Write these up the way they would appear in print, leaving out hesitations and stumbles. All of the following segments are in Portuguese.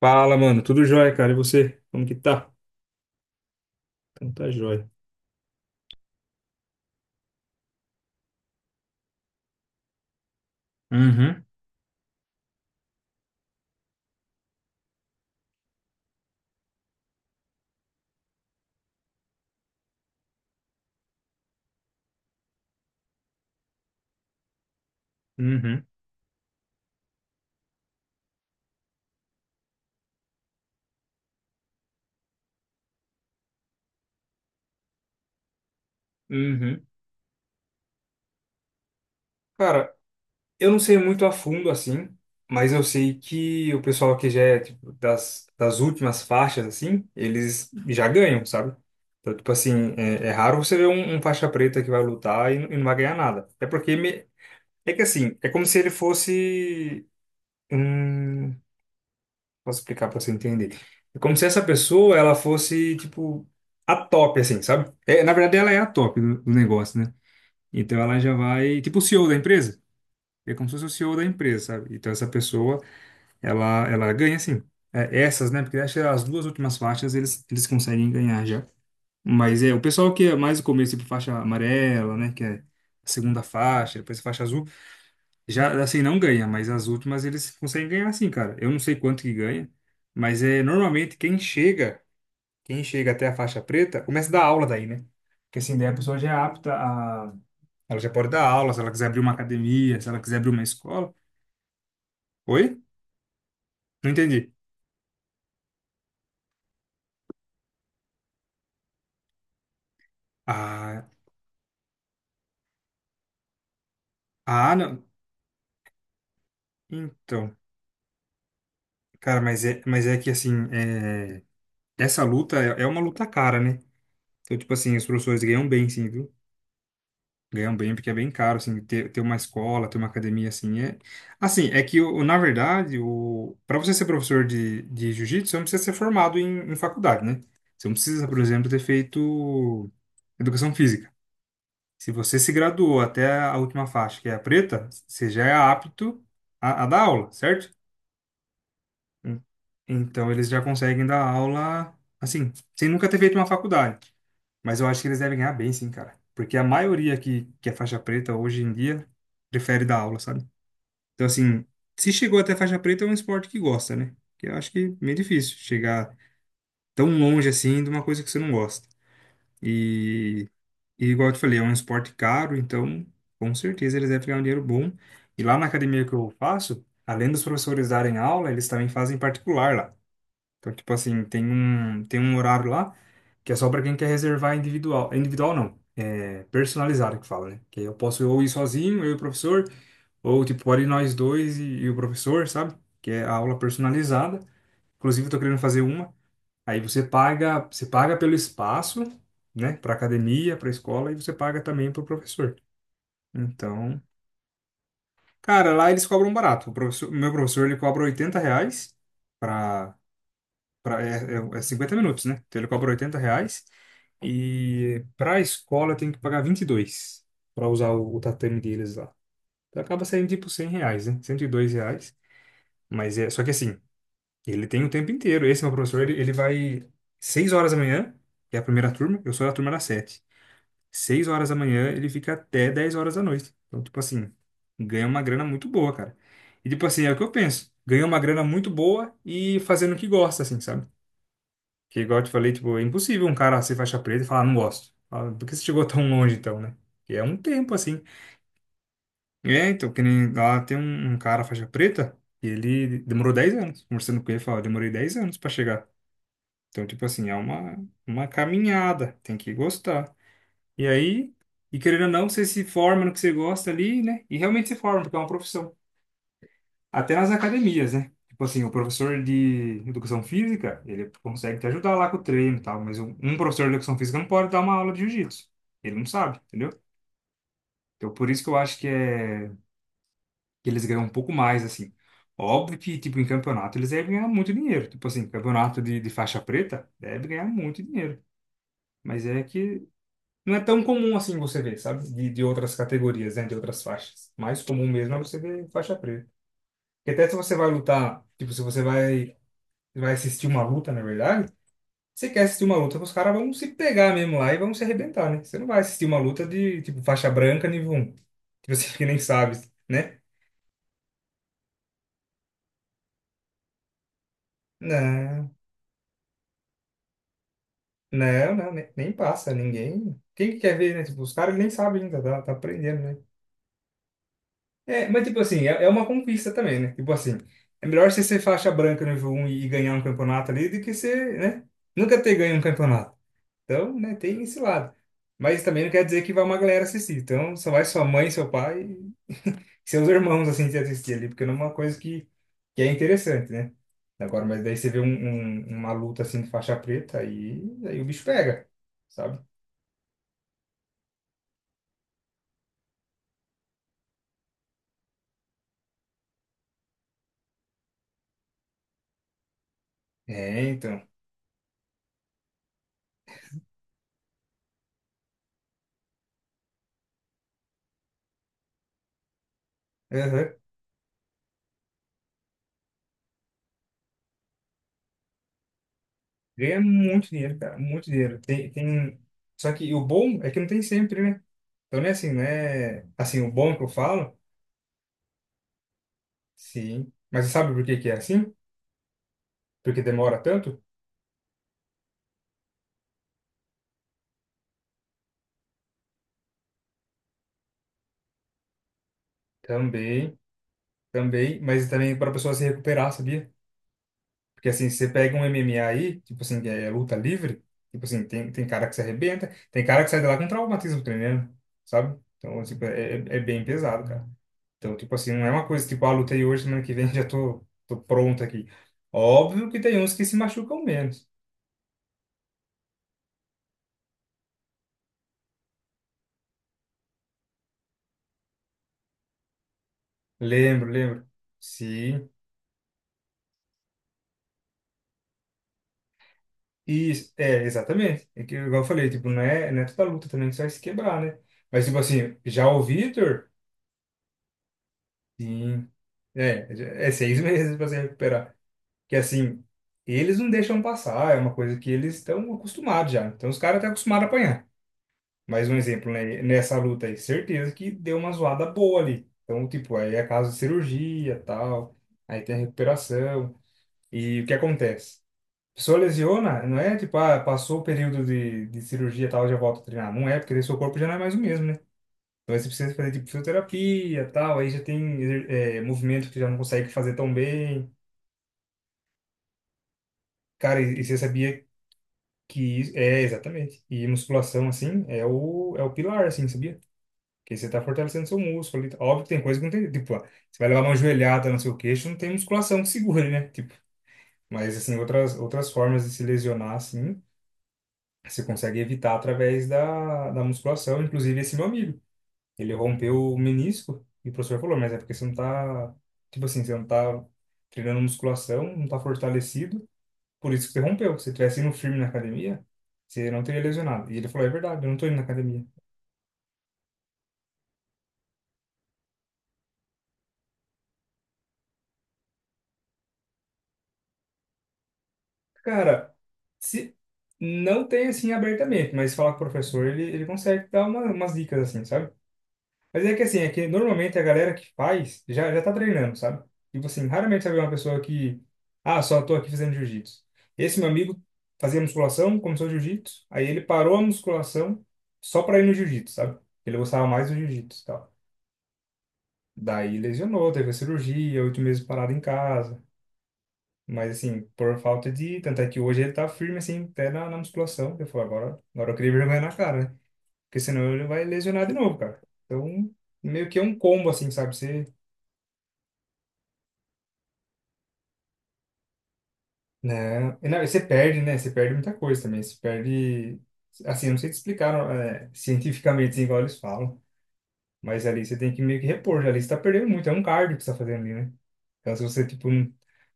Fala, mano. Tudo jóia, cara. E você? Como que tá? Então tá jóia. Uhum, uhum, uhum. Cara, eu não sei muito a fundo assim, mas eu sei que o pessoal que já é tipo, das últimas faixas, assim, eles já ganham, sabe? Então, tipo assim, é raro você ver um faixa preta que vai lutar e não vai ganhar nada. É que assim, é como se ele fosse. Hum. Posso explicar para você entender? É como se essa pessoa ela fosse tipo a top, assim, sabe? É, na verdade, ela é a top do negócio, né? Então ela já vai, tipo o CEO da empresa. É como se fosse o CEO da empresa, sabe? Então essa pessoa ela ganha assim. É, essas, né? Porque acho que as duas últimas faixas eles conseguem ganhar já. Mas é o pessoal que é mais o começo, tipo faixa amarela, né? Que é a segunda faixa, depois a faixa azul. Já, assim, não ganha, mas as últimas eles conseguem ganhar sim, cara. Eu não sei quanto que ganha, mas é normalmente quem chega até a faixa preta, começa a dar aula daí, né? Porque assim, daí a pessoa já é apta a... Ela já pode dar aula, se ela quiser abrir uma academia, se ela quiser abrir uma escola. Oi? Não entendi. Ah, ah, não. Então, cara, mas é que assim, é... essa luta é uma luta cara, né? Então, tipo assim, os professores ganham bem, sim, viu? Ganham bem porque é bem caro, assim, ter uma escola, ter uma academia, assim, é... Assim, é que, o, na verdade, o... para você ser professor de jiu-jitsu, você não precisa ser formado em faculdade, né? Você não precisa, por exemplo, ter feito educação física. Se você se graduou até a última faixa, que é a preta, você já é apto a dar aula, certo? Então, eles já conseguem dar aula, assim, sem nunca ter feito uma faculdade. Mas eu acho que eles devem ganhar bem, sim, cara. Porque a maioria que é faixa preta hoje em dia prefere dar aula, sabe? Então, assim, se chegou até faixa preta, é um esporte que gosta, né? Que eu acho que é meio difícil chegar tão longe assim de uma coisa que você não gosta. E, e igual eu te falei, é um esporte caro, então com certeza eles devem ganhar um dinheiro bom. E lá na academia que eu faço, além dos professores darem aula, eles também fazem particular lá. Então, tipo assim, tem um horário lá que é só para quem quer reservar individual. Individual não, é personalizado que fala, né? Que aí eu posso ou ir sozinho, eu e o professor, ou tipo, pode ir nós dois e o professor, sabe? Que é a aula personalizada. Inclusive, eu tô querendo fazer uma. Aí você paga pelo espaço, né? Pra academia, pra escola, e você paga também pro professor. Então, cara, lá eles cobram barato. O professor, o meu professor, ele cobra 80 reais pra, é 50 minutos, né? Então ele cobra 80 reais. E para a escola tem que pagar 22 para usar o tatame deles lá. Então acaba saindo tipo 100 reais, né? 102 reais. Mas é, só que assim, ele tem o tempo inteiro. Esse meu professor, ele vai 6 horas da manhã, que é a primeira turma, eu sou da turma das sete, 6 horas da manhã, ele fica até 10 horas da noite. Então, tipo assim, ganha uma grana muito boa, cara. E tipo assim, é o que eu penso. Ganha uma grana muito boa e fazendo o que gosta, assim, sabe? Que igual eu te falei, tipo, é impossível um cara ser faixa preta e falar, não gosto. Fala, por que você chegou tão longe então, né? Que é um tempo assim. É, então, que nem lá tem um, um cara faixa preta e ele demorou 10 anos. Conversando com ele, fala, demorei 10 anos pra chegar. Então, tipo assim, é uma caminhada, tem que gostar. E aí, e querendo ou não, você se forma no que você gosta ali, né? E realmente se forma, porque é uma profissão. Até nas academias, né? Tipo assim, o professor de educação física, ele consegue te ajudar lá com o treino e tal, mas um professor de educação física não pode dar uma aula de jiu-jitsu. Ele não sabe, entendeu? Então, por isso que eu acho que é que eles ganham um pouco mais, assim. Óbvio que, tipo, em campeonato eles devem ganhar muito dinheiro. Tipo assim, campeonato de faixa preta deve ganhar muito dinheiro. Mas é que não é tão comum assim você ver, sabe? De outras categorias, né? De outras faixas. Mais comum mesmo é você ver faixa preta. Porque até se você vai lutar, tipo, se você vai assistir uma luta, na verdade, você quer assistir uma luta que os caras vão se pegar mesmo lá e vão se arrebentar, né? Você não vai assistir uma luta de, tipo, faixa branca nível um. Tipo assim, que nem sabe, né? Não, não, não, ne- nem, passa, ninguém... Quem que quer ver, né? Tipo, os caras nem sabem ainda, tá, tá aprendendo, né? É, mas tipo assim, é uma conquista também, né? Tipo assim, é melhor você ser faixa branca nível um e ganhar um campeonato ali do que você, né? Nunca ter ganho um campeonato. Então, né, tem esse lado. Mas também não quer dizer que vai uma galera assistir. Então, só vai sua mãe, seu pai e seus irmãos, assim, te assistir ali, porque não é uma coisa que é interessante, né? Agora, mas daí você vê um, uma luta, assim, de faixa preta, aí o bicho pega, sabe? É, então. Aham. Ganha muito dinheiro, cara, muito dinheiro. Tem, tem... Só que o bom é que não tem sempre, né? Então, não é assim, né? Assim, o bom que eu falo, sim. Mas você sabe por que que é assim? Porque demora tanto? Também. Também, mas também para a pessoa se recuperar, sabia? Porque assim, você pega um MMA aí, tipo assim, que é luta livre, tipo assim, tem, tem cara que se arrebenta, tem cara que sai de lá com traumatismo tremendo, sabe? Então, tipo, é bem pesado, cara. Então, tipo assim, não é uma coisa tipo, ah, lutei hoje, semana que vem já tô pronto aqui. Óbvio que tem uns que se machucam menos. Lembro, lembro. Sim. Isso, é, exatamente. É que, igual eu falei, tipo, não é toda luta também que você vai se quebrar, né? Mas, tipo assim, já o Vitor. Sim. É, é seis meses para se recuperar. Que assim, eles não deixam passar, é uma coisa que eles estão acostumados já. Então os caras estão acostumados a apanhar. Mais um exemplo, né? Nessa luta aí, certeza que deu uma zoada boa ali. Então, tipo, aí é caso de cirurgia, tal. Aí tem a recuperação. E o que acontece? A pessoa lesiona, não é tipo, ah, passou o período de cirurgia, tal, já volta a treinar. Não é, porque daí seu corpo já não é mais o mesmo, né? Então aí você precisa fazer tipo fisioterapia, e tal, aí já tem movimento que já não consegue fazer tão bem. Cara, e você sabia que isso, é exatamente. E musculação assim é o pilar assim, sabia? Que aí você tá fortalecendo seu músculo ali. Óbvio que tem coisa que não tem, tipo, ó, você vai levar uma joelhada no seu queixo, não tem musculação que segure, né? Tipo, mas assim, outras formas de se lesionar assim, você consegue evitar através da musculação, inclusive esse meu amigo. Ele rompeu o menisco e o professor falou, mas é porque você não tá, tipo assim, você não tá treinando musculação, não tá fortalecido, por isso que você rompeu. Se você tivesse indo firme na academia, você não teria lesionado. E ele falou, é verdade, eu não tô indo na academia. Cara, se não tem assim abertamente, mas falar com o professor, ele consegue dar uma, umas dicas assim, sabe? Mas é que assim, é que normalmente a galera que faz já tá treinando, sabe? Tipo assim, raramente você vê uma pessoa que, ah, só tô aqui fazendo jiu-jitsu. Esse meu amigo fazia musculação, começou o jiu-jitsu, aí ele parou a musculação só pra ir no jiu-jitsu, sabe? Ele gostava mais do jiu-jitsu e tal. Daí lesionou, teve a cirurgia, 8 meses parado em casa. Mas assim, por falta de. Tanto é que hoje ele tá firme, assim, até na, na musculação. Eu falo, agora, agora eu queria vergonha na cara, né? Porque senão ele vai lesionar de novo, cara. Então, meio que é um combo, assim, sabe? Você não, e não, e você perde, né? Você perde muita coisa também. Você perde. Assim, eu não sei te explicar é, cientificamente, assim, igual eles falam. Mas ali você tem que meio que repor. Ali você tá perdendo muito. É um cardio que você tá fazendo ali, né? Então, se você, tipo, não,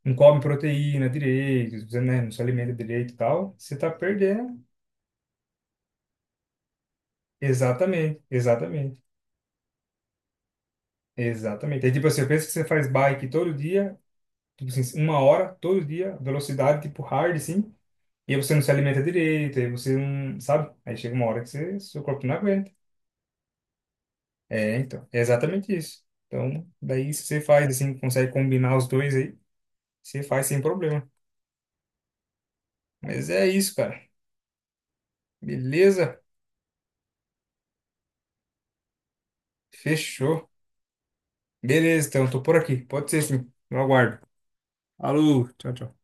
não come proteína direito, você, né, não se alimenta direito e tal, você tá perdendo. Exatamente, exatamente, exatamente. Aí, tipo assim, eu penso que você faz bike todo dia, tipo assim, uma hora, todo dia, velocidade, tipo, hard, assim. E aí você não se alimenta direito, aí você não, sabe? Aí chega uma hora que você, seu corpo não aguenta. É, então, é exatamente isso. Então, daí se você faz assim, consegue combinar os dois aí, você faz sem problema. Mas é isso, cara. Beleza? Fechou. Beleza, então, tô por aqui. Pode ser sim. Eu aguardo. Alô, tchau, tchau.